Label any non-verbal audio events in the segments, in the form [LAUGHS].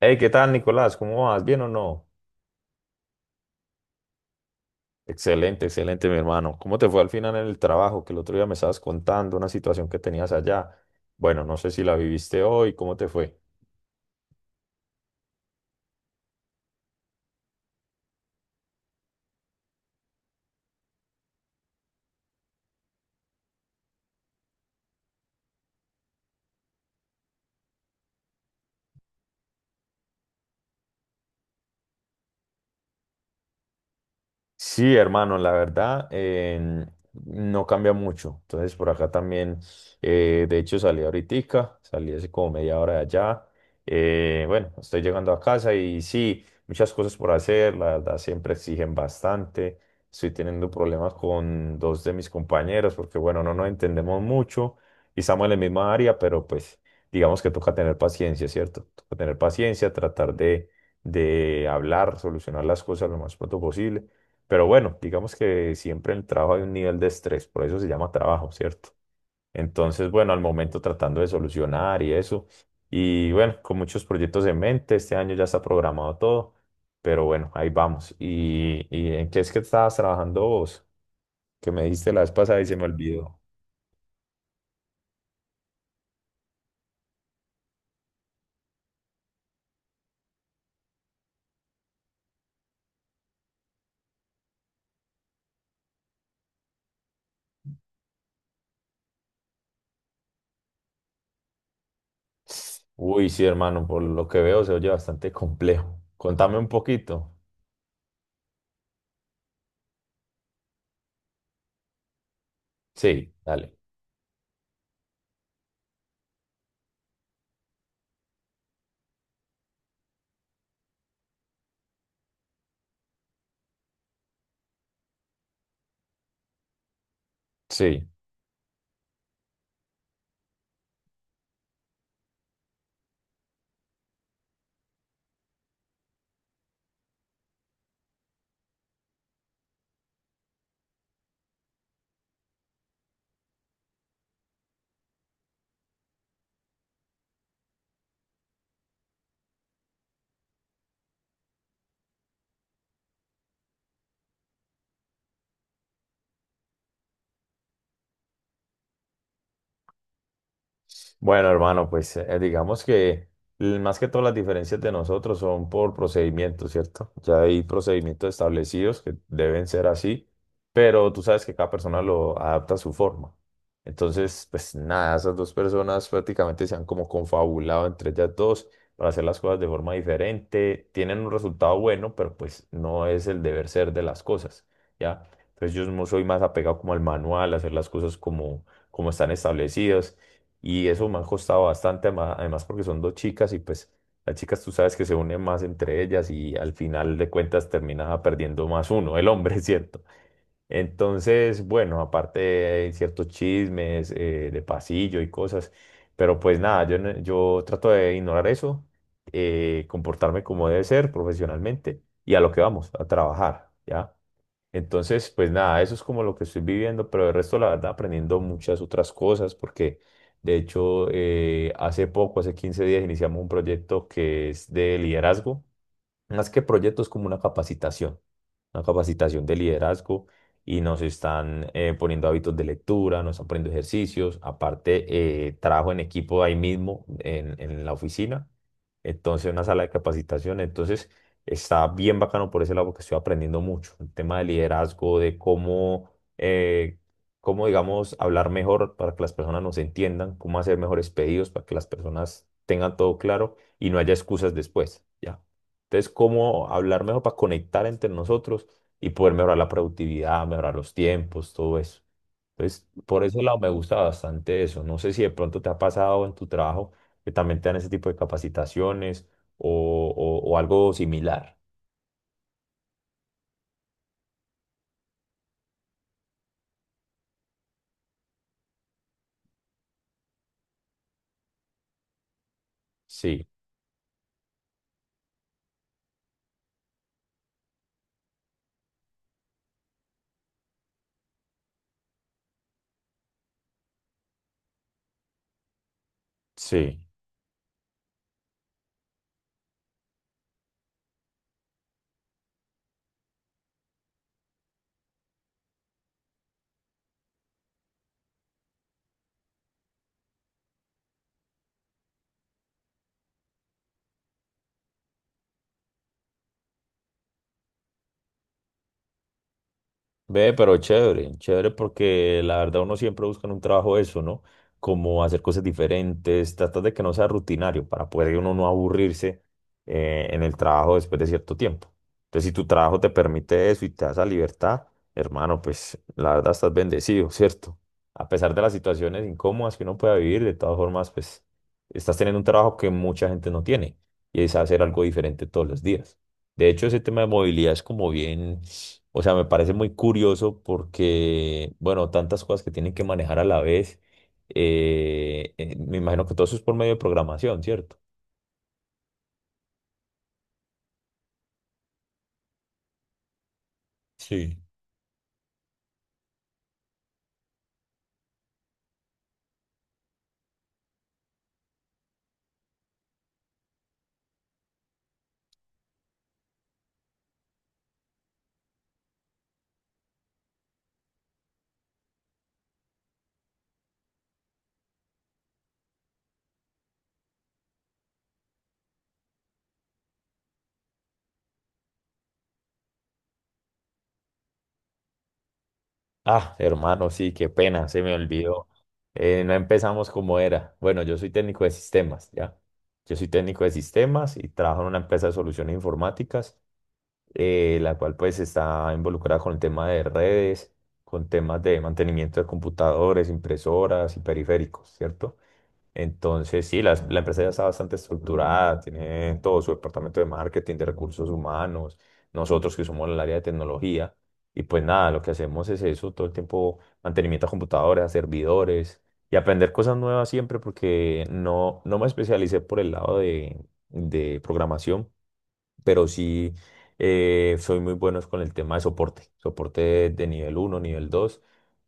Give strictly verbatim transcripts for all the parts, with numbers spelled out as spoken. Hey, ¿qué tal, Nicolás? ¿Cómo vas? ¿Bien o no? Excelente, excelente, mi hermano. ¿Cómo te fue al final en el trabajo? Que el otro día me estabas contando una situación que tenías allá. Bueno, no sé si la viviste hoy, ¿cómo te fue? Sí, hermano, la verdad em, no cambia mucho. Entonces por acá también, eh, de hecho salí ahoritica, salí hace como media hora de allá. Eh, bueno, estoy llegando a casa y sí, muchas cosas por hacer, la verdad siempre exigen bastante. Estoy teniendo problemas con dos de mis compañeros porque bueno, no nos entendemos mucho y estamos en la misma área, pero pues digamos que toca tener paciencia, ¿cierto? Toca tener paciencia, tratar de, de hablar, solucionar las cosas lo más pronto posible. Pero bueno, digamos que siempre en el trabajo hay un nivel de estrés, por eso se llama trabajo, ¿cierto? Entonces, bueno, al momento tratando de solucionar y eso. Y bueno, con muchos proyectos en mente, este año ya está programado todo, pero bueno, ahí vamos. ¿Y, y en qué es que estabas trabajando vos? Que me diste la vez pasada y se me olvidó. Uy, sí, hermano, por lo que veo se oye bastante complejo. Contame un poquito. Sí, dale. Sí. Bueno, hermano, pues eh, eh, digamos que l- más que todas las diferencias de nosotros son por procedimientos, ¿cierto? Ya hay procedimientos establecidos que deben ser así, pero tú sabes que cada persona lo adapta a su forma. Entonces, pues nada, esas dos personas prácticamente se han como confabulado entre ellas dos para hacer las cosas de forma diferente. Tienen un resultado bueno, pero pues no es el deber ser de las cosas, ¿ya? Entonces yo no soy más apegado como al manual, a hacer las cosas como, como están establecidas. Y eso me ha costado bastante, ama- además porque son dos chicas y pues las chicas tú sabes que se unen más entre ellas y al final de cuentas termina perdiendo más uno, el hombre, [LAUGHS] ¿cierto? Entonces, bueno, aparte hay ciertos chismes eh, de pasillo y cosas, pero pues nada, yo, no- yo trato de ignorar eso, eh, comportarme como debe ser profesionalmente y a lo que vamos, a trabajar, ¿ya? Entonces, pues nada, eso es como lo que estoy viviendo, pero el resto, la verdad, aprendiendo muchas otras cosas, porque de hecho, eh, hace poco, hace quince días, iniciamos un proyecto que es de liderazgo. Más que proyectos, como una capacitación, una capacitación de liderazgo y nos están eh, poniendo hábitos de lectura, nos están poniendo ejercicios, aparte eh, trabajo en equipo ahí mismo en, en la oficina, entonces una sala de capacitación, entonces está bien bacano por ese lado porque estoy aprendiendo mucho, el tema de liderazgo, de cómo, eh, cómo digamos, hablar mejor para que las personas nos entiendan, cómo hacer mejores pedidos para que las personas tengan todo claro y no haya excusas después, ¿ya? Entonces, cómo hablar mejor para conectar entre nosotros y poder mejorar la productividad, mejorar los tiempos, todo eso. Entonces, por ese lado me gusta bastante eso. No sé si de pronto te ha pasado en tu trabajo que también te dan ese tipo de capacitaciones o, o o algo similar. Sí, sí. Ve, pero chévere, chévere porque la verdad uno siempre busca en un trabajo eso, ¿no? Como hacer cosas diferentes, tratar de que no sea rutinario para poder uno no aburrirse eh, en el trabajo después de cierto tiempo. Entonces, si tu trabajo te permite eso y te da esa libertad, hermano, pues la verdad estás bendecido, ¿cierto? A pesar de las situaciones incómodas que uno pueda vivir, de todas formas, pues estás teniendo un trabajo que mucha gente no tiene y es hacer algo diferente todos los días. De hecho, ese tema de movilidad es como bien, o sea, me parece muy curioso porque, bueno, tantas cosas que tienen que manejar a la vez. Eh, eh, me imagino que todo eso es por medio de programación, ¿cierto? Sí. Ah, hermano, sí, qué pena, se me olvidó. Eh, no empezamos como era. Bueno, yo soy técnico de sistemas, ¿ya? Yo soy técnico de sistemas y trabajo en una empresa de soluciones informáticas, eh, la cual pues está involucrada con el tema de redes, con temas de mantenimiento de computadores, impresoras y periféricos, ¿cierto? Entonces, sí, la, la empresa ya está bastante estructurada, tiene todo su departamento de marketing, de recursos humanos, nosotros que somos el área de tecnología. Y pues nada, lo que hacemos es eso, todo el tiempo mantenimiento a computadoras, a servidores y aprender cosas nuevas siempre porque no, no me especialicé por el lado de, de programación, pero sí eh, soy muy bueno con el tema de soporte, soporte de nivel uno nivel dos.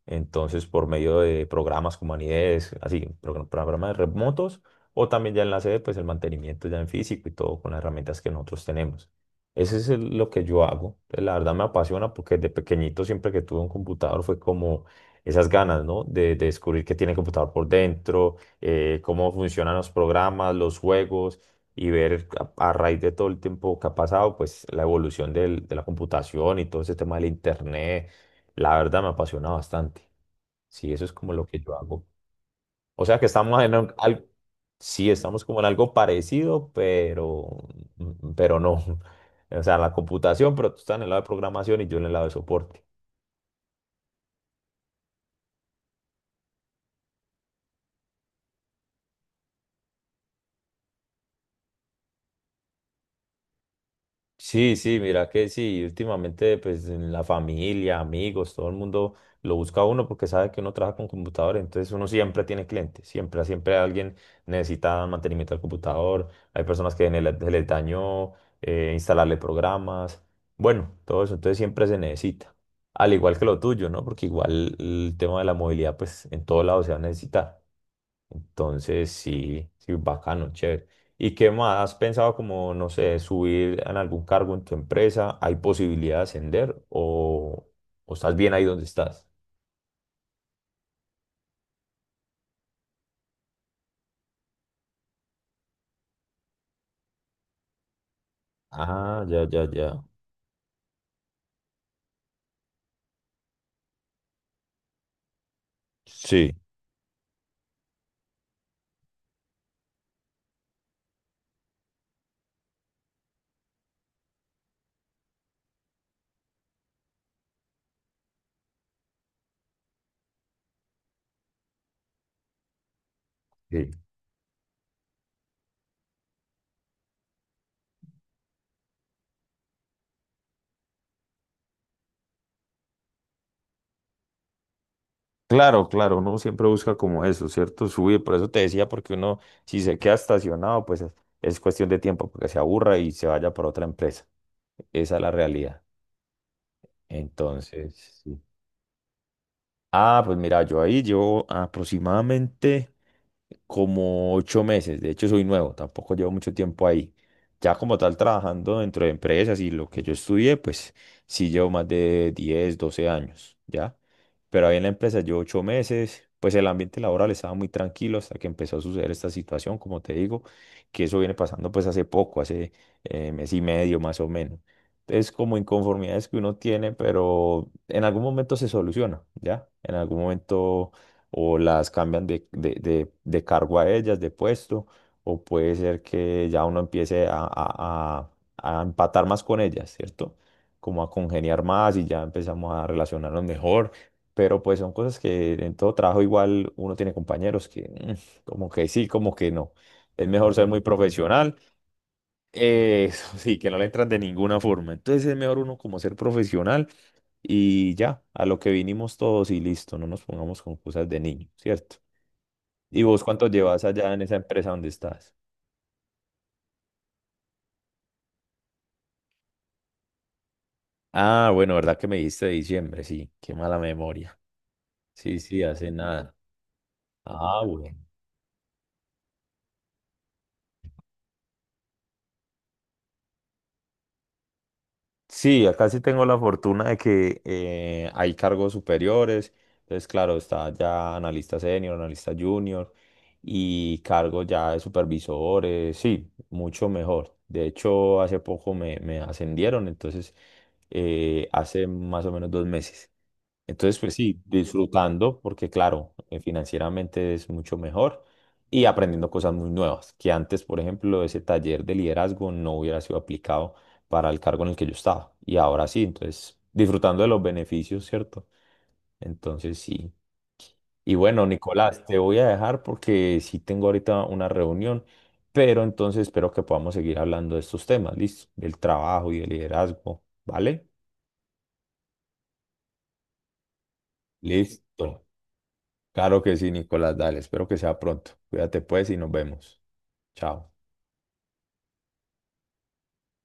Entonces, por medio de programas como Anides, así, pro- programas remotos, o también ya en la sede, pues el mantenimiento ya en físico y todo con las herramientas que nosotros tenemos. Ese es el- lo que yo hago. Pues la verdad me apasiona porque de pequeñito siempre que tuve un computador fue como esas ganas, ¿no? De, de descubrir qué tiene el computador por dentro, eh, cómo funcionan los programas, los juegos y ver a, a raíz de todo el tiempo que ha pasado, pues la evolución del- de la computación y todo ese tema del internet, la verdad me apasiona bastante. Sí, eso es como lo que yo hago. O sea que estamos en algo, sí, estamos como en algo parecido, pero, pero no. [LAUGHS] O sea, la computación, pero tú estás en el lado de programación y yo en el lado de soporte. Sí, sí, mira que sí, últimamente pues en la familia, amigos, todo el mundo lo busca a uno porque sabe que uno trabaja con computador, entonces uno siempre tiene clientes, siempre, siempre alguien necesita mantenimiento del computador, hay personas que en el, se les dañó eh, instalarle programas, bueno, todo eso, entonces siempre se necesita, al igual que lo tuyo, ¿no? Porque igual el tema de la movilidad pues en todo lado se va a necesitar. Entonces, sí, sí, bacano, chévere. ¿Y qué más? ¿Has pensado como, no sé, subir en algún cargo en tu empresa? ¿Hay posibilidad de ascender o, o estás bien ahí donde estás? Ah, ya, ya, ya. Sí. Sí. Claro, claro, uno siempre busca como eso, ¿cierto? Subir, por eso te decía, porque uno, si se queda estacionado, pues es, es cuestión de tiempo, porque se aburra y se vaya por otra empresa. Esa es la realidad. Entonces, sí. Ah, pues mira, yo ahí llevo aproximadamente como ocho meses. De hecho, soy nuevo, tampoco llevo mucho tiempo ahí. Ya como tal, trabajando dentro de empresas y lo que yo estudié, pues sí llevo más de diez, doce años, ¿ya? Pero ahí en la empresa llevo ocho meses. Pues el ambiente laboral estaba muy tranquilo hasta que empezó a suceder esta situación, como te digo, que eso viene pasando pues hace poco, hace eh, mes y medio más o menos, es como inconformidades que uno tiene, pero en algún momento se soluciona, ¿ya? En algún momento o las cambian de, de, de- de cargo a ellas, de puesto, o puede ser que ya uno empiece a, a- a- a empatar más con ellas, ¿cierto? Como a congeniar más y ya empezamos a relacionarnos mejor. Pero pues son cosas que en todo trabajo igual uno tiene compañeros que mm, como que sí, como que no. Es mejor ser muy profesional, eso sí, que no le entran de ninguna forma. Entonces es mejor uno como ser profesional y ya, a lo que vinimos todos y listo, no nos pongamos con cosas de niño, ¿cierto? ¿Y vos cuánto llevas allá en esa empresa donde estás? Ah, bueno, ¿verdad que me dijiste de diciembre? Sí, qué mala memoria. Sí, sí, hace nada. Ah, bueno. Sí, acá sí tengo la fortuna de que eh, hay cargos superiores. Entonces, claro, está ya analista senior, analista junior y cargos ya de supervisores. Sí, mucho mejor. De hecho, hace poco me, me ascendieron, entonces, eh, hace más o menos dos meses. Entonces, pues sí, disfrutando, porque claro, eh, financieramente es mucho mejor y aprendiendo cosas muy nuevas, que antes, por ejemplo, ese taller de liderazgo no hubiera sido aplicado para el cargo en el que yo estaba. Y ahora sí, entonces, disfrutando de los beneficios, ¿cierto? Entonces, sí. Y bueno, Nicolás, te voy a dejar porque sí tengo ahorita una reunión, pero entonces espero que podamos seguir hablando de estos temas, ¿listo? Del trabajo y del liderazgo, ¿vale? Listo. Claro que sí, Nicolás, dale, espero que sea pronto. Cuídate pues y nos vemos. Chao.